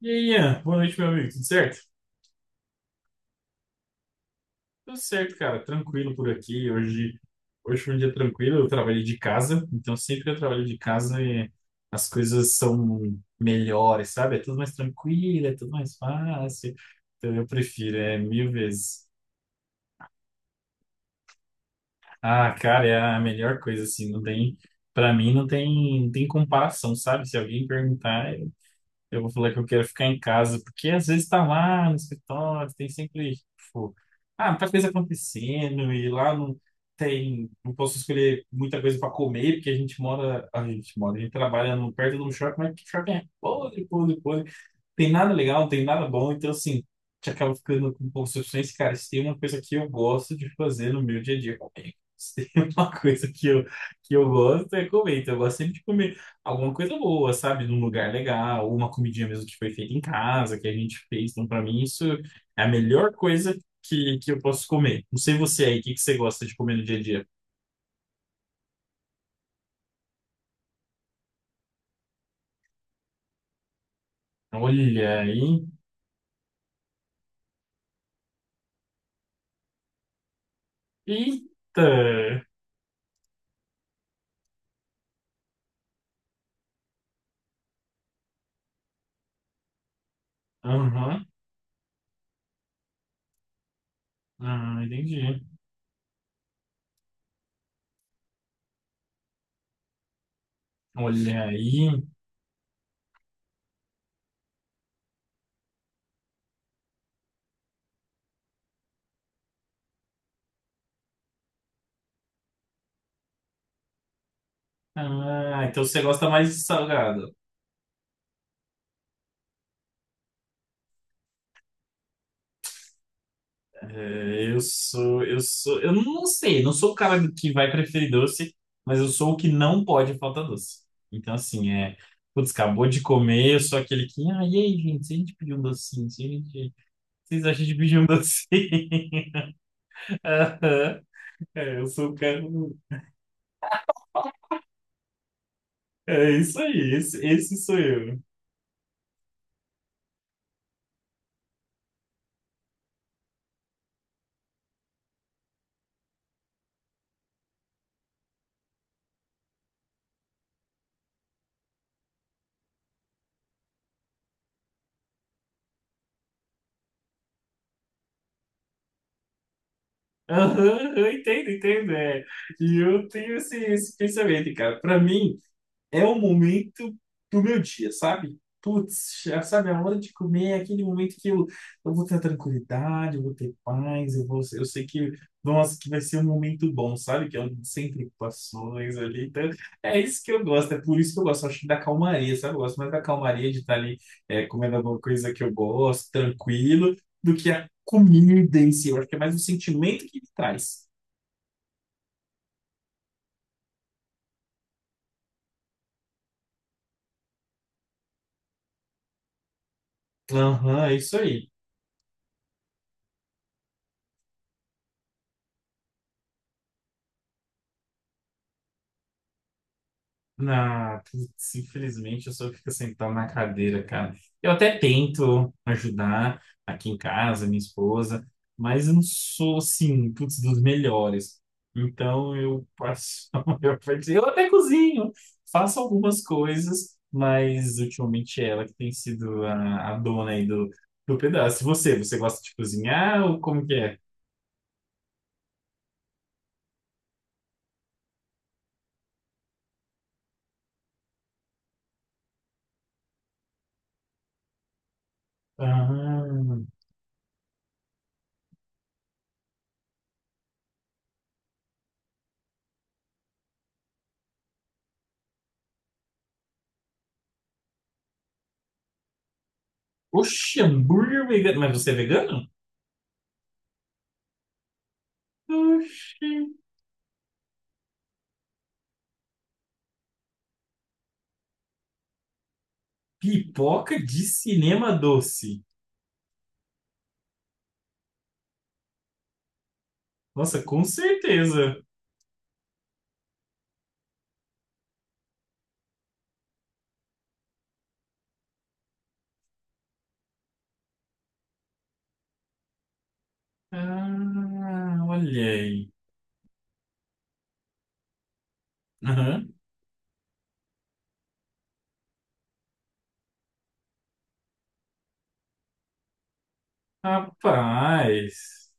E aí, Ian, boa noite, meu amigo. Tudo certo? Tudo certo, cara. Tranquilo por aqui. Hoje foi um dia tranquilo. Eu trabalhei de casa, então sempre que eu trabalho de casa as coisas são melhores, sabe? É tudo mais tranquilo, é tudo mais fácil. Então eu prefiro, é mil vezes. Ah, cara, é a melhor coisa, assim. Não tem, para mim, não tem comparação, sabe? Se alguém perguntar, eu vou falar que eu quero ficar em casa, porque às vezes tá lá no escritório, tem sempre, tipo, ah, muita coisa acontecendo, e lá não tem, não posso escolher muita coisa para comer, porque a gente trabalha no, perto de um shopping, mas que shopping é podre, podre, podre, tem nada legal, não tem nada bom, então assim, te acaba ficando com concepções, cara, se tem uma coisa que eu gosto de fazer no meu dia a dia, comer. Se tem uma coisa que eu gosto é comer, então eu gosto sempre de comer alguma coisa boa, sabe, num lugar legal, ou uma comidinha mesmo que foi feita em casa, que a gente fez, então pra mim isso é a melhor coisa que eu posso comer. Não sei você aí, o que que você gosta de comer no dia a dia? Olha aí, eita, aham, ah, entendi. Olha aí. Ah, então você gosta mais de salgado. É, eu não sei, não sou o cara que vai preferir doce, mas eu sou o que não pode faltar doce. Então, assim, é, putz, acabou de comer, eu sou aquele que, ah, e aí, gente, se a gente pedir um docinho, se a gente, vocês acham de pedir um docinho? Aham. É, eu sou o cara, é isso aí, esse sou eu. Aham, eu entendo, entendo, é. E eu tenho esse pensamento, cara. Pra mim, é o momento do meu dia, sabe? Putz, já sabe, a hora de comer é aquele momento que eu vou ter tranquilidade, eu vou ter paz, eu vou, eu sei que, nossa, que vai ser um momento bom, sabe? Que é sem preocupações ali. Então, é isso que eu gosto, é por isso que eu gosto, acho que da calmaria, sabe? Eu gosto mais da calmaria de estar ali comendo alguma coisa que eu gosto, tranquilo, do que a comida em si. Eu acho que é mais o sentimento que ele traz. Aham, é isso aí. Na, putz, infelizmente eu só fico sentado na cadeira, cara. Eu até tento ajudar aqui em casa, minha esposa, mas eu não sou assim, putz, dos melhores. Então eu passo a maior. Eu até cozinho, faço algumas coisas, mas ultimamente é ela que tem sido a dona aí do, do pedaço. E você, você gosta de cozinhar ou como que é? Ah, oxe, hambúrguer vegano. Mas você é vegano? Oxi. Pipoca de cinema doce. Nossa, com certeza. Ah, olha aí. Aham. Rapaz.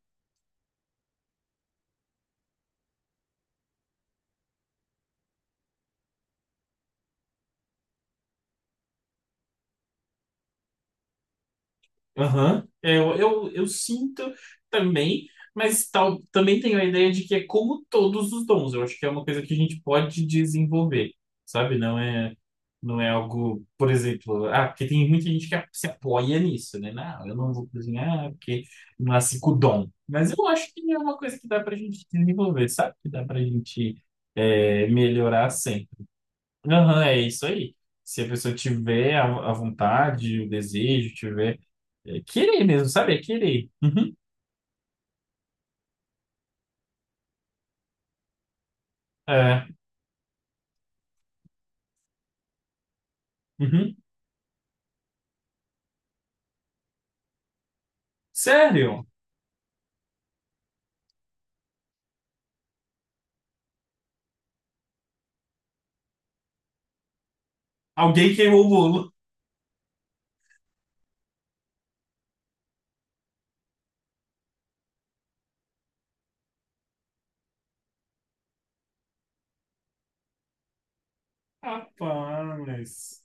Aham. Eu sinto também, mas tal, também tenho a ideia de que é como todos os dons. Eu acho que é uma coisa que a gente pode desenvolver, sabe? Não é algo, por exemplo, ah, porque tem muita gente que se apoia nisso, né? Não, eu não vou cozinhar porque nasci com o dom. Mas eu acho que é uma coisa que dá pra gente desenvolver, sabe? Que dá pra gente melhorar sempre. Aham, é isso aí. Se a pessoa tiver a vontade, o desejo, tiver. É Kirei mesmo, sabe? É Kirei. Uhum. É. Uhum. Sério? Alguém queimou o bolo. Rapaz.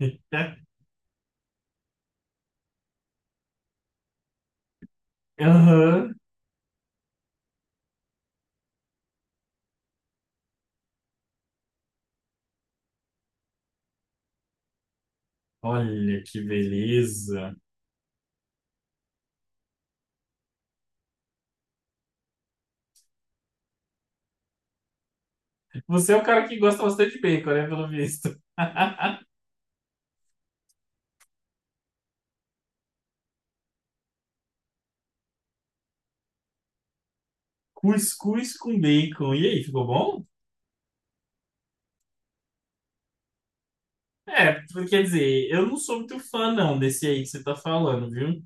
Aham. Olha que beleza. Você é o cara que gosta bastante de bacon, né? Pelo visto. Cuscuz com bacon. E aí, ficou bom? É, quer dizer, eu não sou muito fã, não, desse aí que você tá falando, viu?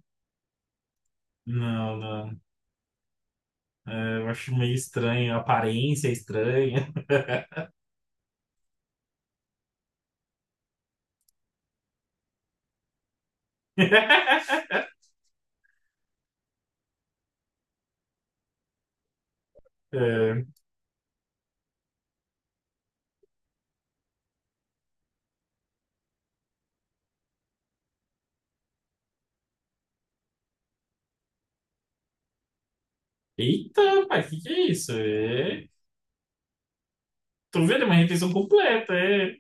Não, não. É, eu acho meio estranho. A aparência é estranha. É. Eita, pai, o que que é isso? É. Tu vê, é uma refeição completa, é.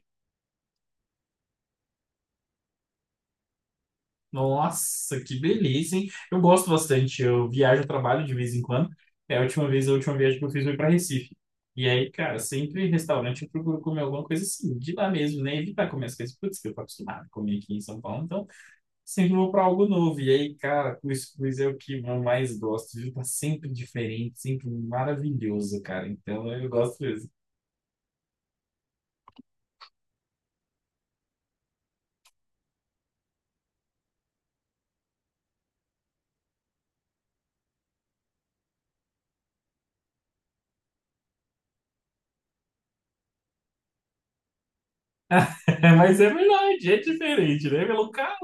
Nossa, que beleza, hein? Eu gosto bastante. Eu viajo, trabalho de vez em quando. É a última vez, a última viagem que eu fiz foi para Recife. E aí, cara, sempre em restaurante eu procuro comer alguma coisa assim, de lá mesmo, né? Evitar comer as coisas, putz, que eu tô acostumado a comer aqui em São Paulo, então sempre vou para algo novo. E aí, cara, cuscuz é o que eu mais gosto, viu? Tá sempre diferente, sempre maravilhoso, cara. Então eu gosto mesmo. Mas é verdade, é diferente, né? Meu local,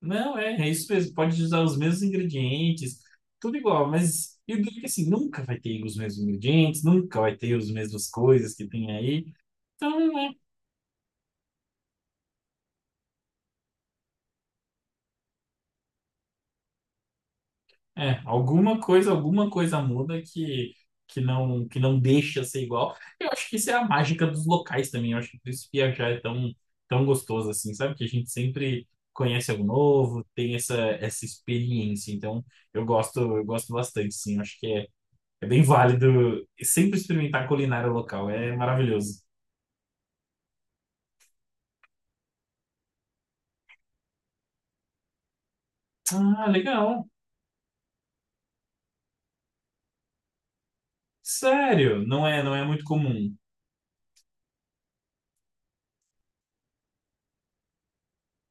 não, é, é isso mesmo. Pode usar os mesmos ingredientes, tudo igual, mas eu digo que assim, nunca vai ter os mesmos ingredientes, nunca vai ter as mesmas coisas que tem aí. Então, né, é, alguma coisa muda que não deixa ser igual. Eu acho que isso é a mágica dos locais também. Eu acho que por isso viajar é tão, tão gostoso assim, sabe? Que a gente sempre conhece algo novo, tem essa experiência. Então, eu gosto bastante, sim. Eu acho que é. É bem válido. E sempre experimentar culinária local. É maravilhoso. Ah, legal. Sério, não é muito comum.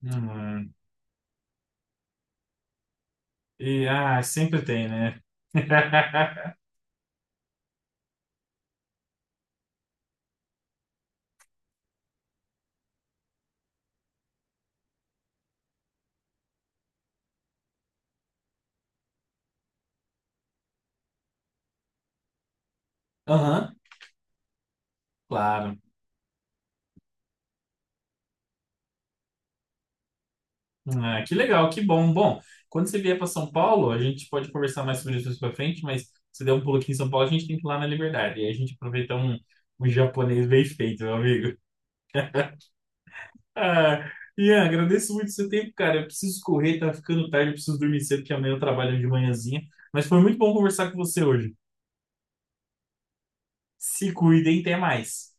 Hum, e, ah, sempre tem, né? Aham, claro. Ah, que legal, que bom. Bom, quando você vier para São Paulo, a gente pode conversar mais sobre isso mais para frente, mas se der um pulo aqui em São Paulo, a gente tem que ir lá na Liberdade. E aí a gente aproveita um, um japonês bem feito, meu amigo. Ah, Ian, agradeço muito o seu tempo, cara. Eu preciso correr, tá ficando tarde, eu preciso dormir cedo, porque amanhã eu trabalho de manhãzinha. Mas foi muito bom conversar com você hoje. Se cuidem, até mais.